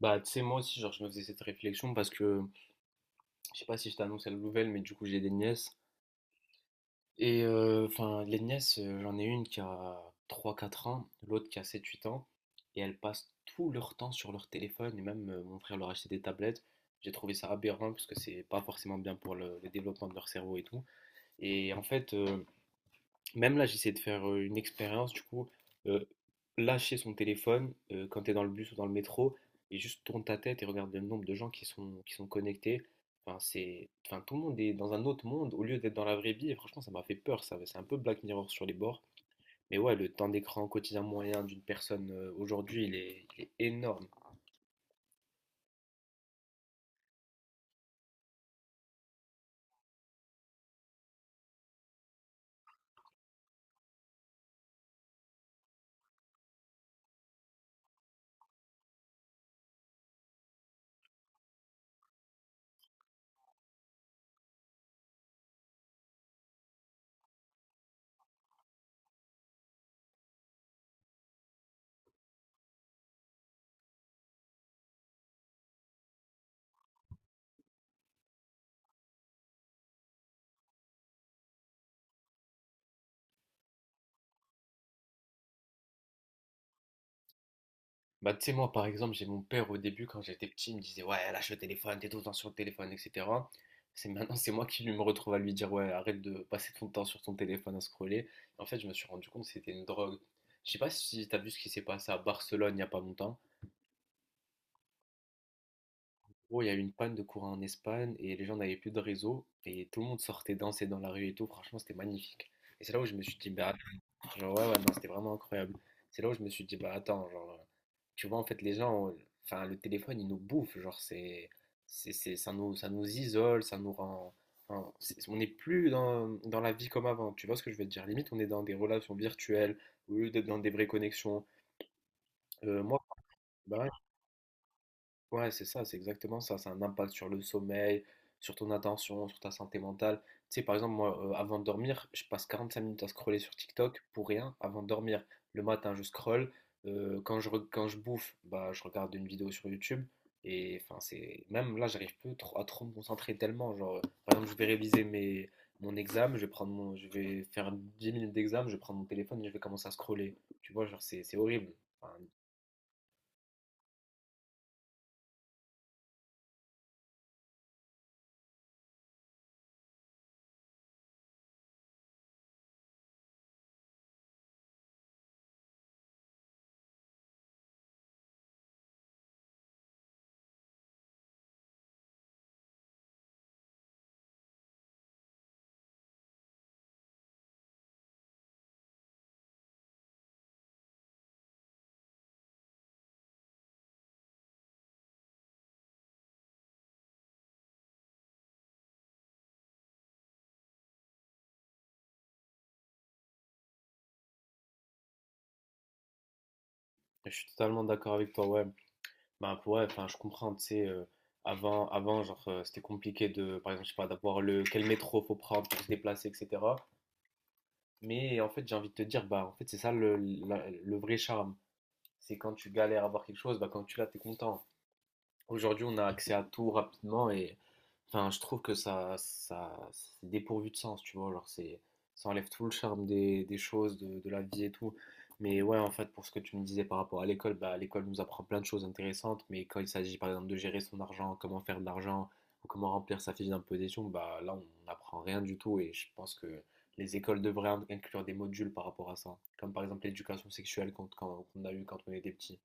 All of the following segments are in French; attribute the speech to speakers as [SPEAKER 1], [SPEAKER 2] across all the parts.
[SPEAKER 1] Tu sais, moi aussi, genre, je me faisais cette réflexion parce que je sais pas si je t'annonce la nouvelle, mais du coup, j'ai des nièces. Les nièces, j'en ai une qui a 3 4 ans, l'autre qui a 7 8 ans, et elles passent tout leur temps sur leur téléphone, et même mon frère leur a acheté des tablettes. J'ai trouvé ça aberrant parce que c'est pas forcément bien pour le développement de leur cerveau et tout. Et en fait, euh, Même là, j'essaie de faire une expérience, du coup, euh, lâcher son téléphone quand tu es dans le bus ou dans le métro et juste tourne ta tête et regarde le nombre de gens qui sont connectés. Enfin, tout le monde est dans un autre monde au lieu d'être dans la vraie vie. Et franchement, ça m'a fait peur, ça. C'est un peu Black Mirror sur les bords. Mais ouais, le temps d'écran quotidien moyen d'une personne aujourd'hui, il est énorme. Bah, tu sais, moi, par exemple, j'ai mon père au début, quand j'étais petit, il me disait, ouais, lâche le téléphone, t'es tout le temps sur le téléphone, etc. C'est maintenant, c'est moi qui lui me retrouve à lui dire, ouais, arrête de passer ton temps sur ton téléphone à scroller. En fait, je me suis rendu compte que c'était une drogue. Je sais pas si t'as vu ce qui s'est passé à Barcelone il y a pas longtemps. Oh, il y a eu une panne de courant en Espagne et les gens n'avaient plus de réseau et tout le monde sortait danser dans la rue et tout. Franchement, c'était magnifique. Et c'est là où je me suis dit, bah, genre, ouais, ouais, non, c'était vraiment incroyable. C'est là où je me suis dit, bah attends, genre, tu vois, en fait, les gens, enfin, le téléphone, il nous bouffe, ça nous isole, ça nous rend, enfin, c'est- on n'est plus dans la vie comme avant, tu vois ce que je veux te dire? Limite, on est dans des relations virtuelles, au lieu d'être dans des vraies connexions. Euh, moi, bah, Ouais, c'est ça, c'est exactement ça. Ça a un impact sur le sommeil, sur ton attention, sur ta santé mentale. Tu sais, par exemple, moi, avant de dormir, je passe 45 minutes à scroller sur TikTok pour rien avant de dormir. Le matin, je scrolle. Quand je bouffe, bah, je regarde une vidéo sur YouTube. C'est même là, à trop me concentrer tellement. Genre, par exemple, je vais réviser mes, mon examen, je vais faire 10 minutes d'examen, je vais prendre mon téléphone et je vais commencer à scroller. Tu vois, genre, c'est horrible. Enfin, je suis totalement d'accord avec toi, ouais. Bah, ouais, enfin, je comprends, tu sais, avant, c'était compliqué par exemple, je sais pas, quel métro faut prendre pour se déplacer, etc. Mais en fait, j'ai envie de te dire, bah, en fait, c'est ça le vrai charme. C'est quand tu galères à avoir quelque chose, bah, quand tu l'as, t'es content. Aujourd'hui, on a accès à tout rapidement et enfin, je trouve que ça c'est dépourvu de sens, tu vois. Alors, c'est, ça enlève tout le charme des choses, de la vie et tout. Mais ouais, en fait, pour ce que tu me disais par rapport à l'école, bah, l'école nous apprend plein de choses intéressantes, mais quand il s'agit par exemple de gérer son argent, comment faire de l'argent ou comment remplir sa fiche d'imposition, bah là, on n'apprend rien du tout et je pense que les écoles devraient inclure des modules par rapport à ça, comme par exemple l'éducation sexuelle qu'on a eu quand on était petit.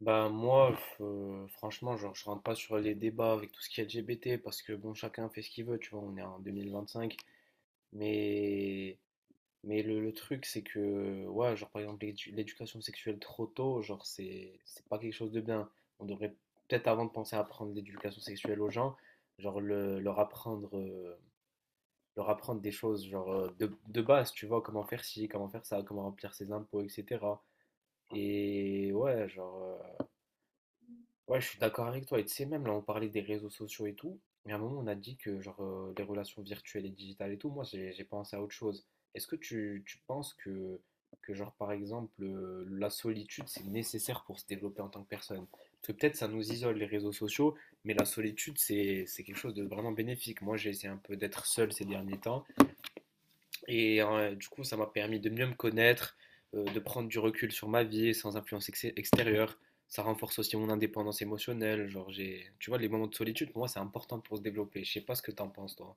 [SPEAKER 1] Bah moi, franchement, genre, je rentre pas sur les débats avec tout ce qui est LGBT parce que bon, chacun fait ce qu'il veut, tu vois, on est en 2025. Mais, mais le truc, c'est que, ouais, genre par exemple, l'éducation sexuelle trop tôt, genre, c'est pas quelque chose de bien. On devrait peut-être avant de penser à apprendre l'éducation sexuelle aux gens, genre le- leur apprendre, euh, leur apprendre des choses, genre de base, tu vois, comment faire ci, comment faire ça, comment remplir ses impôts, etc. Et ouais, genre. Ouais, je suis d'accord avec toi. Et tu sais, même là, on parlait des réseaux sociaux et tout. Mais à un moment, on a dit que genre les relations virtuelles et digitales et tout, moi, j'ai pensé à autre chose. Tu penses que, genre, par exemple, la solitude, c'est nécessaire pour se développer en tant que personne? Parce que peut-être ça nous isole, les réseaux sociaux, mais la solitude, c'est quelque chose de vraiment bénéfique. Moi, j'ai essayé un peu d'être seul ces derniers temps. Du coup, ça m'a permis de mieux me connaître, de prendre du recul sur ma vie sans influence extérieure. Ça renforce aussi mon indépendance émotionnelle. Tu vois, les moments de solitude, pour moi, c'est important pour se développer. Je sais pas ce que t'en penses, toi.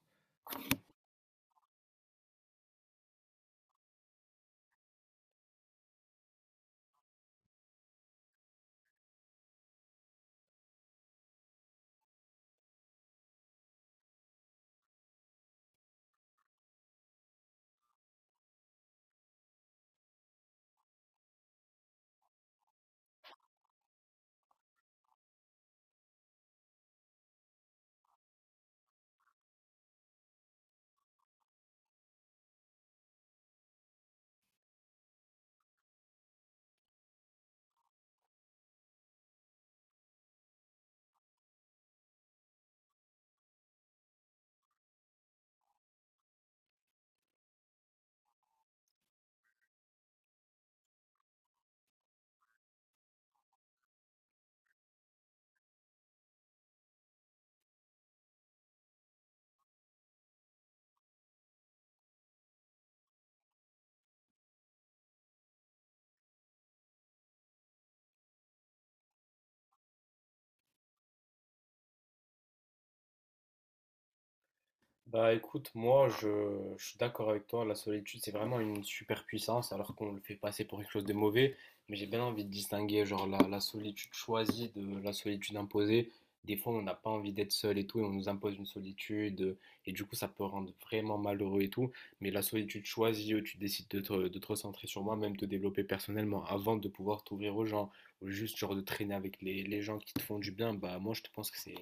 [SPEAKER 1] Bah écoute, moi, je suis d'accord avec toi, la solitude c'est vraiment une super puissance alors qu'on le fait passer pour quelque chose de mauvais, mais j'ai bien envie de distinguer genre la solitude choisie de la solitude imposée. Des fois on n'a pas envie d'être seul et tout et on nous impose une solitude et du coup ça peut rendre vraiment malheureux et tout, mais la solitude choisie où tu décides de te recentrer sur moi, même te développer personnellement avant de pouvoir t'ouvrir aux gens ou juste genre de traîner avec les gens qui te font du bien, bah moi je te pense que c'est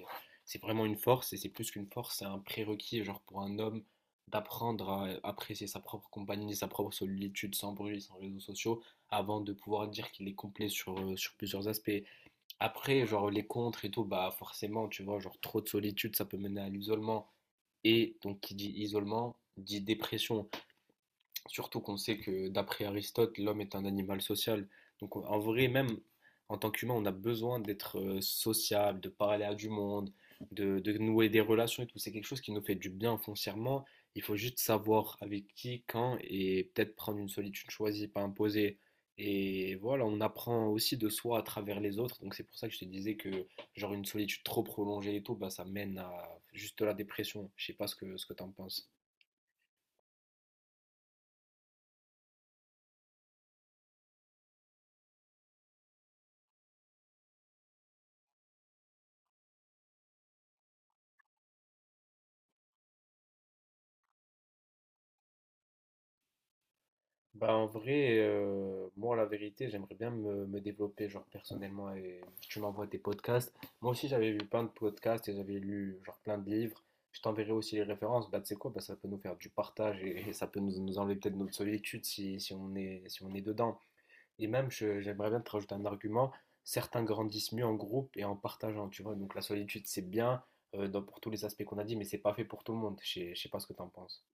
[SPEAKER 1] c'est vraiment une force et c'est plus qu'une force, c'est un prérequis genre pour un homme d'apprendre à apprécier sa propre compagnie, sa propre solitude sans bruit, sans réseaux sociaux, avant de pouvoir dire qu'il est complet sur, sur plusieurs aspects. Après, genre les contres et tout, bah forcément, tu vois, genre trop de solitude, ça peut mener à l'isolement. Et donc qui dit isolement, dit dépression. Surtout qu'on sait que d'après Aristote, l'homme est un animal social. Donc en vrai, même en tant qu'humain, on a besoin d'être sociable, de parler à du monde, de nouer des relations et tout. C'est quelque chose qui nous fait du bien foncièrement. Il faut juste savoir avec qui, quand et peut-être prendre une solitude choisie, pas imposée. Et voilà, on apprend aussi de soi à travers les autres. Donc c'est pour ça que je te disais que genre une solitude trop prolongée et tout, bah, ça mène à juste de la dépression. Je sais pas ce ce que tu en penses. Bah en vrai, moi la vérité, j'aimerais bien me développer genre personnellement et tu m'envoies tes podcasts. Moi aussi j'avais vu plein de podcasts et j'avais lu genre plein de livres. Je t'enverrai aussi les références. Bah tu sais quoi, bah, ça peut nous faire du partage et ça peut nous enlever peut-être notre solitude si on est, si on est dedans. Et même j'aimerais bien te rajouter un argument. Certains grandissent mieux en groupe et en partageant, tu vois. Donc la solitude c'est bien pour tous les aspects qu'on a dit, mais c'est pas fait pour tout le monde. Je sais pas ce que t'en penses.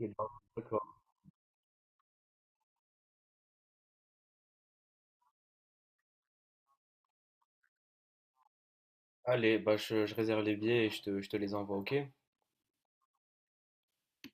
[SPEAKER 1] Et ben, allez, bah je réserve les billets et je te les envoie, ok?